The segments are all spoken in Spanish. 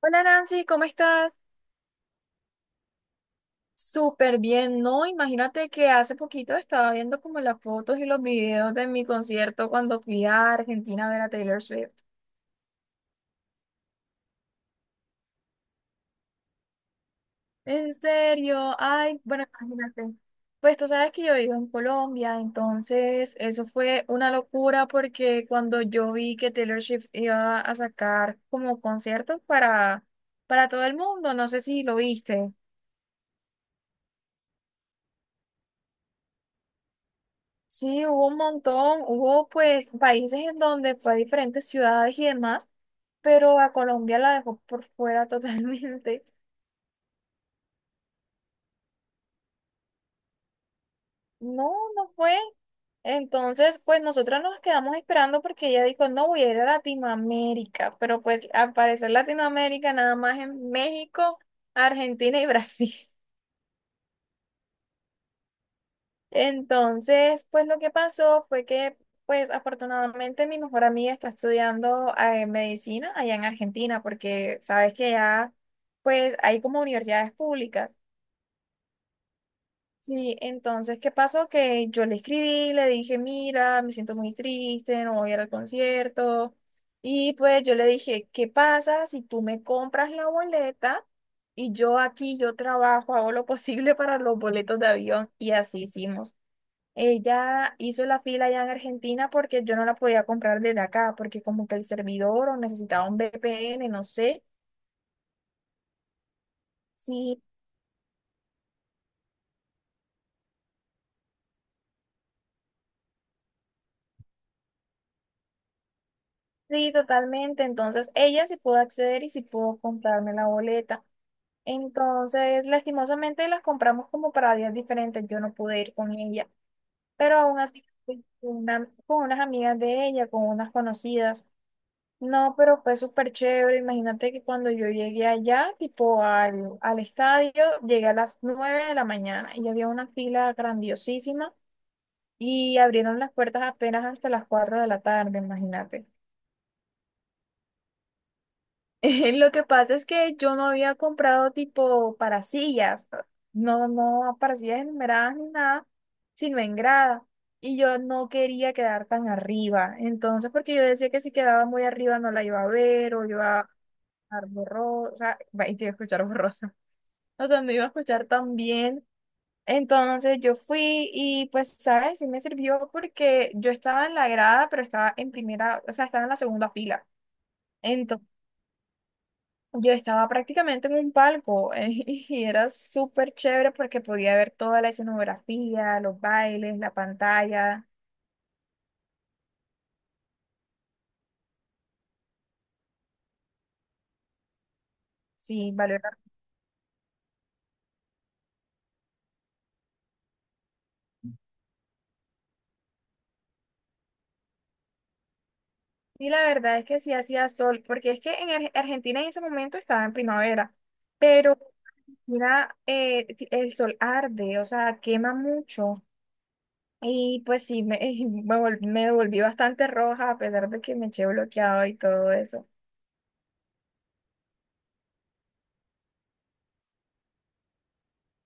Hola Nancy, ¿cómo estás? Súper bien, ¿no? Imagínate que hace poquito estaba viendo como las fotos y los videos de mi concierto cuando fui a Argentina a ver a Taylor Swift. En serio, ay, bueno, imagínate. Pues tú sabes que yo vivo en Colombia, entonces eso fue una locura porque cuando yo vi que Taylor Swift iba a sacar como conciertos para todo el mundo, no sé si lo viste. Sí, hubo un montón, hubo pues países en donde fue a diferentes ciudades y demás, pero a Colombia la dejó por fuera totalmente. No, no fue. Entonces, pues nosotros nos quedamos esperando porque ella dijo, no, voy a ir a Latinoamérica, pero pues al parecer Latinoamérica nada más en México, Argentina y Brasil. Entonces, pues lo que pasó fue que, pues afortunadamente mi mejor amiga está estudiando medicina allá en Argentina, porque sabes que ya, pues hay como universidades públicas. Sí, entonces, ¿qué pasó? Que yo le escribí, le dije, mira, me siento muy triste, no voy a ir al concierto. Y pues yo le dije, ¿qué pasa si tú me compras la boleta? Y yo aquí, yo trabajo, hago lo posible para los boletos de avión y así hicimos. Ella hizo la fila allá en Argentina porque yo no la podía comprar desde acá, porque como que el servidor o necesitaba un VPN, no sé. Sí, sí, totalmente. Entonces ella sí pudo acceder y sí pudo comprarme la boleta. Entonces, lastimosamente las compramos como para días diferentes. Yo no pude ir con ella, pero aún así fui con unas amigas de ella, con unas conocidas. No, pero fue súper chévere. Imagínate que cuando yo llegué allá, tipo al estadio, llegué a las 9 de la mañana y había una fila grandiosísima y abrieron las puertas apenas hasta las 4 de la tarde, imagínate. Lo que pasa es que yo no había comprado tipo para sillas, no, no para sillas enumeradas ni nada, sino en grada. Y yo no quería quedar tan arriba. Entonces, porque yo decía que si quedaba muy arriba no la iba a ver o iba escuchar borrosa, va, y te iba a escuchar borrosa, o sea, no iba a escuchar tan bien. Entonces yo fui y pues, ¿sabes? Sí me sirvió porque yo estaba en la grada, pero estaba en primera, o sea, estaba en la segunda fila. Entonces yo estaba prácticamente en un palco y era súper chévere porque podía ver toda la escenografía, los bailes, la pantalla. Sí, valió. Sí, la verdad es que sí hacía sol, porque es que en Argentina en ese momento estaba en primavera, pero Argentina el sol arde, o sea, quema mucho. Y pues sí, me volví bastante roja a pesar de que me eché bloqueado y todo eso.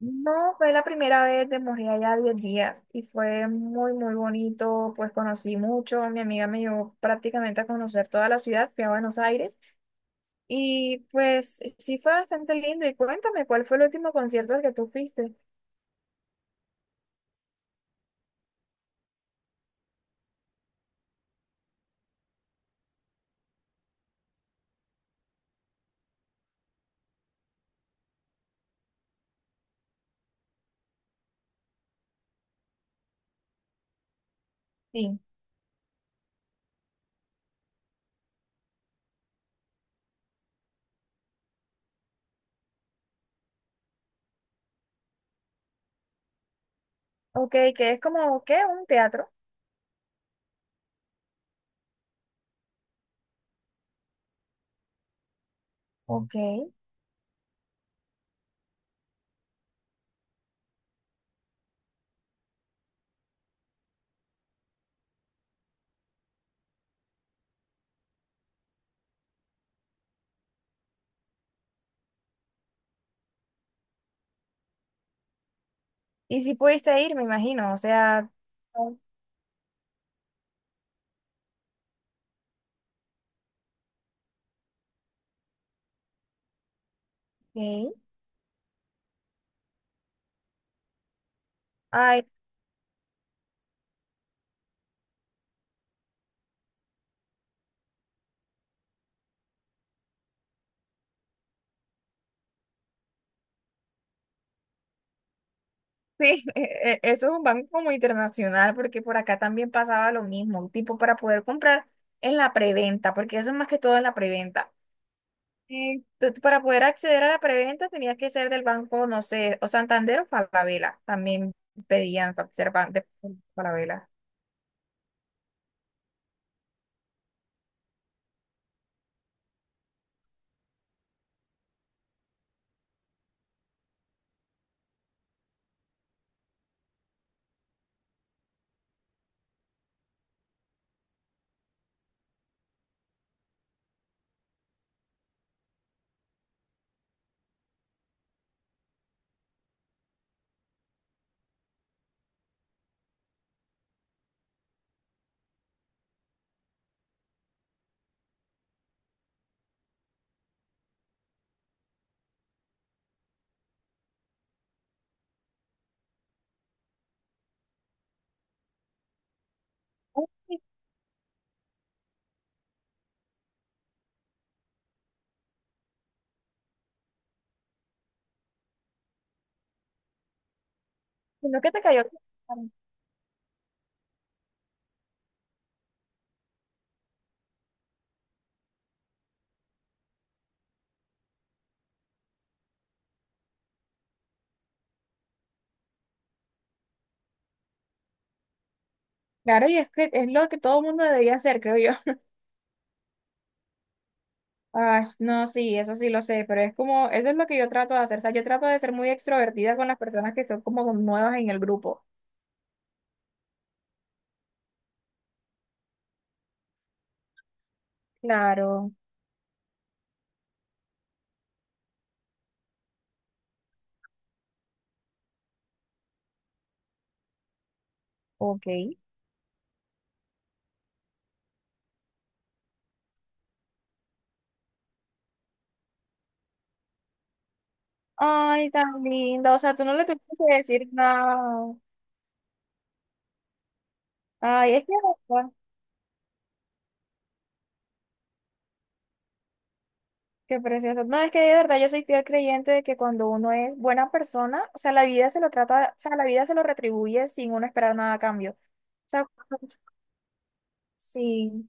No, fue la primera vez, de morir allá 10 días y fue muy, muy bonito, pues conocí mucho, mi amiga me llevó prácticamente a conocer toda la ciudad, fui a Buenos Aires. Y pues sí fue bastante lindo. Y cuéntame, ¿cuál fue el último concierto al que tú fuiste? Sí. Ok, que es como, ¿qué? Un teatro. Ok. Y si pudiste ir, me imagino. O sea, ok. Ay, sí, eso es un banco como internacional, porque por acá también pasaba lo mismo, tipo para poder comprar en la preventa, porque eso es más que todo en la preventa. Tú para poder acceder a la preventa tenías que ser del banco, no sé, o Santander o Falabella. También pedían ser de Falabella. Sino que te cayó. Claro, y es que es lo que todo el mundo debería hacer, creo yo. Ah, no, sí, eso sí lo sé, pero es como, eso es lo que yo trato de hacer. O sea, yo trato de ser muy extrovertida con las personas que son como nuevas en el grupo. Claro. Ok. Ay, tan linda. O sea, tú no le tuviste que decir nada. Ay, es que qué precioso. No, es que de verdad yo soy fiel creyente de que cuando uno es buena persona, o sea, la vida se lo trata, o sea, la vida se lo retribuye sin uno esperar nada a cambio. O sea, sí.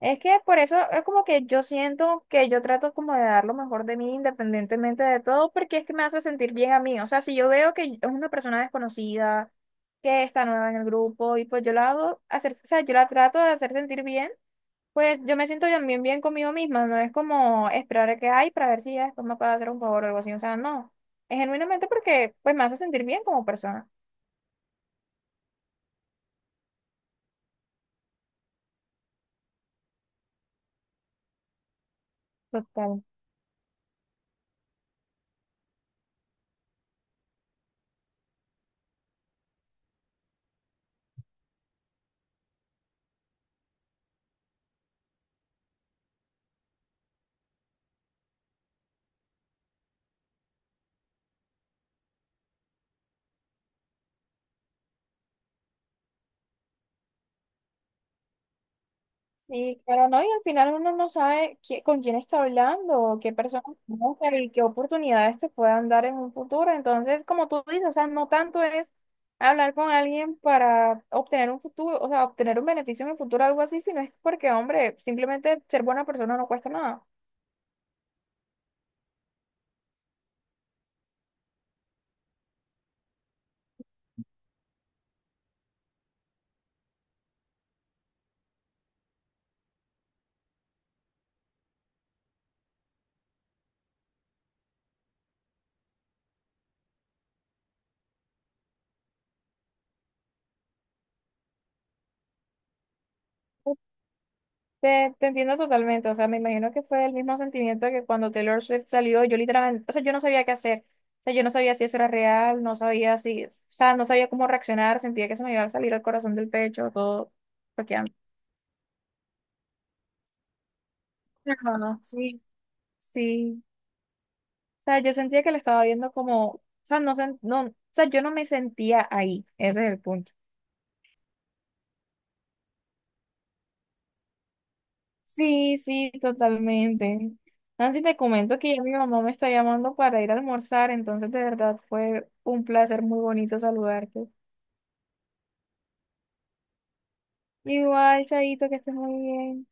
Es que por eso es como que yo siento que yo trato como de dar lo mejor de mí independientemente de todo, porque es que me hace sentir bien a mí. O sea, si yo veo que es una persona desconocida, que está nueva en el grupo, y pues yo la hago hacer, o sea, yo la trato de hacer sentir bien pues yo me siento también bien conmigo misma, no es como esperar a que hay para ver si ya después me puede hacer un favor o algo así, o sea, no, es genuinamente porque pues me hace sentir bien como persona. Total. Y claro, no, y al final uno no sabe con quién está hablando, o qué personas conoce y qué oportunidades te puedan dar en un futuro. Entonces, como tú dices, o sea, no tanto es hablar con alguien para obtener un futuro, o sea, obtener un beneficio en el futuro, algo así, sino es porque, hombre, simplemente ser buena persona no cuesta nada. Te entiendo totalmente, o sea, me imagino que fue el mismo sentimiento que cuando Taylor Swift salió, yo literalmente, o sea, yo no sabía qué hacer, o sea, yo no sabía si eso era real, no sabía si, o sea, no sabía cómo reaccionar, sentía que se me iba a salir el corazón del pecho, todo bloqueando. Claro, sí. Sí, o sea, yo sentía que la estaba viendo como, o sea, no, no, o sea, yo no me sentía ahí, ese es el punto. Sí, sí, totalmente. Nancy, te comento que ya mi mamá me está llamando para ir a almorzar, entonces de verdad fue un placer muy bonito saludarte. Igual, Chaito, que estés muy bien.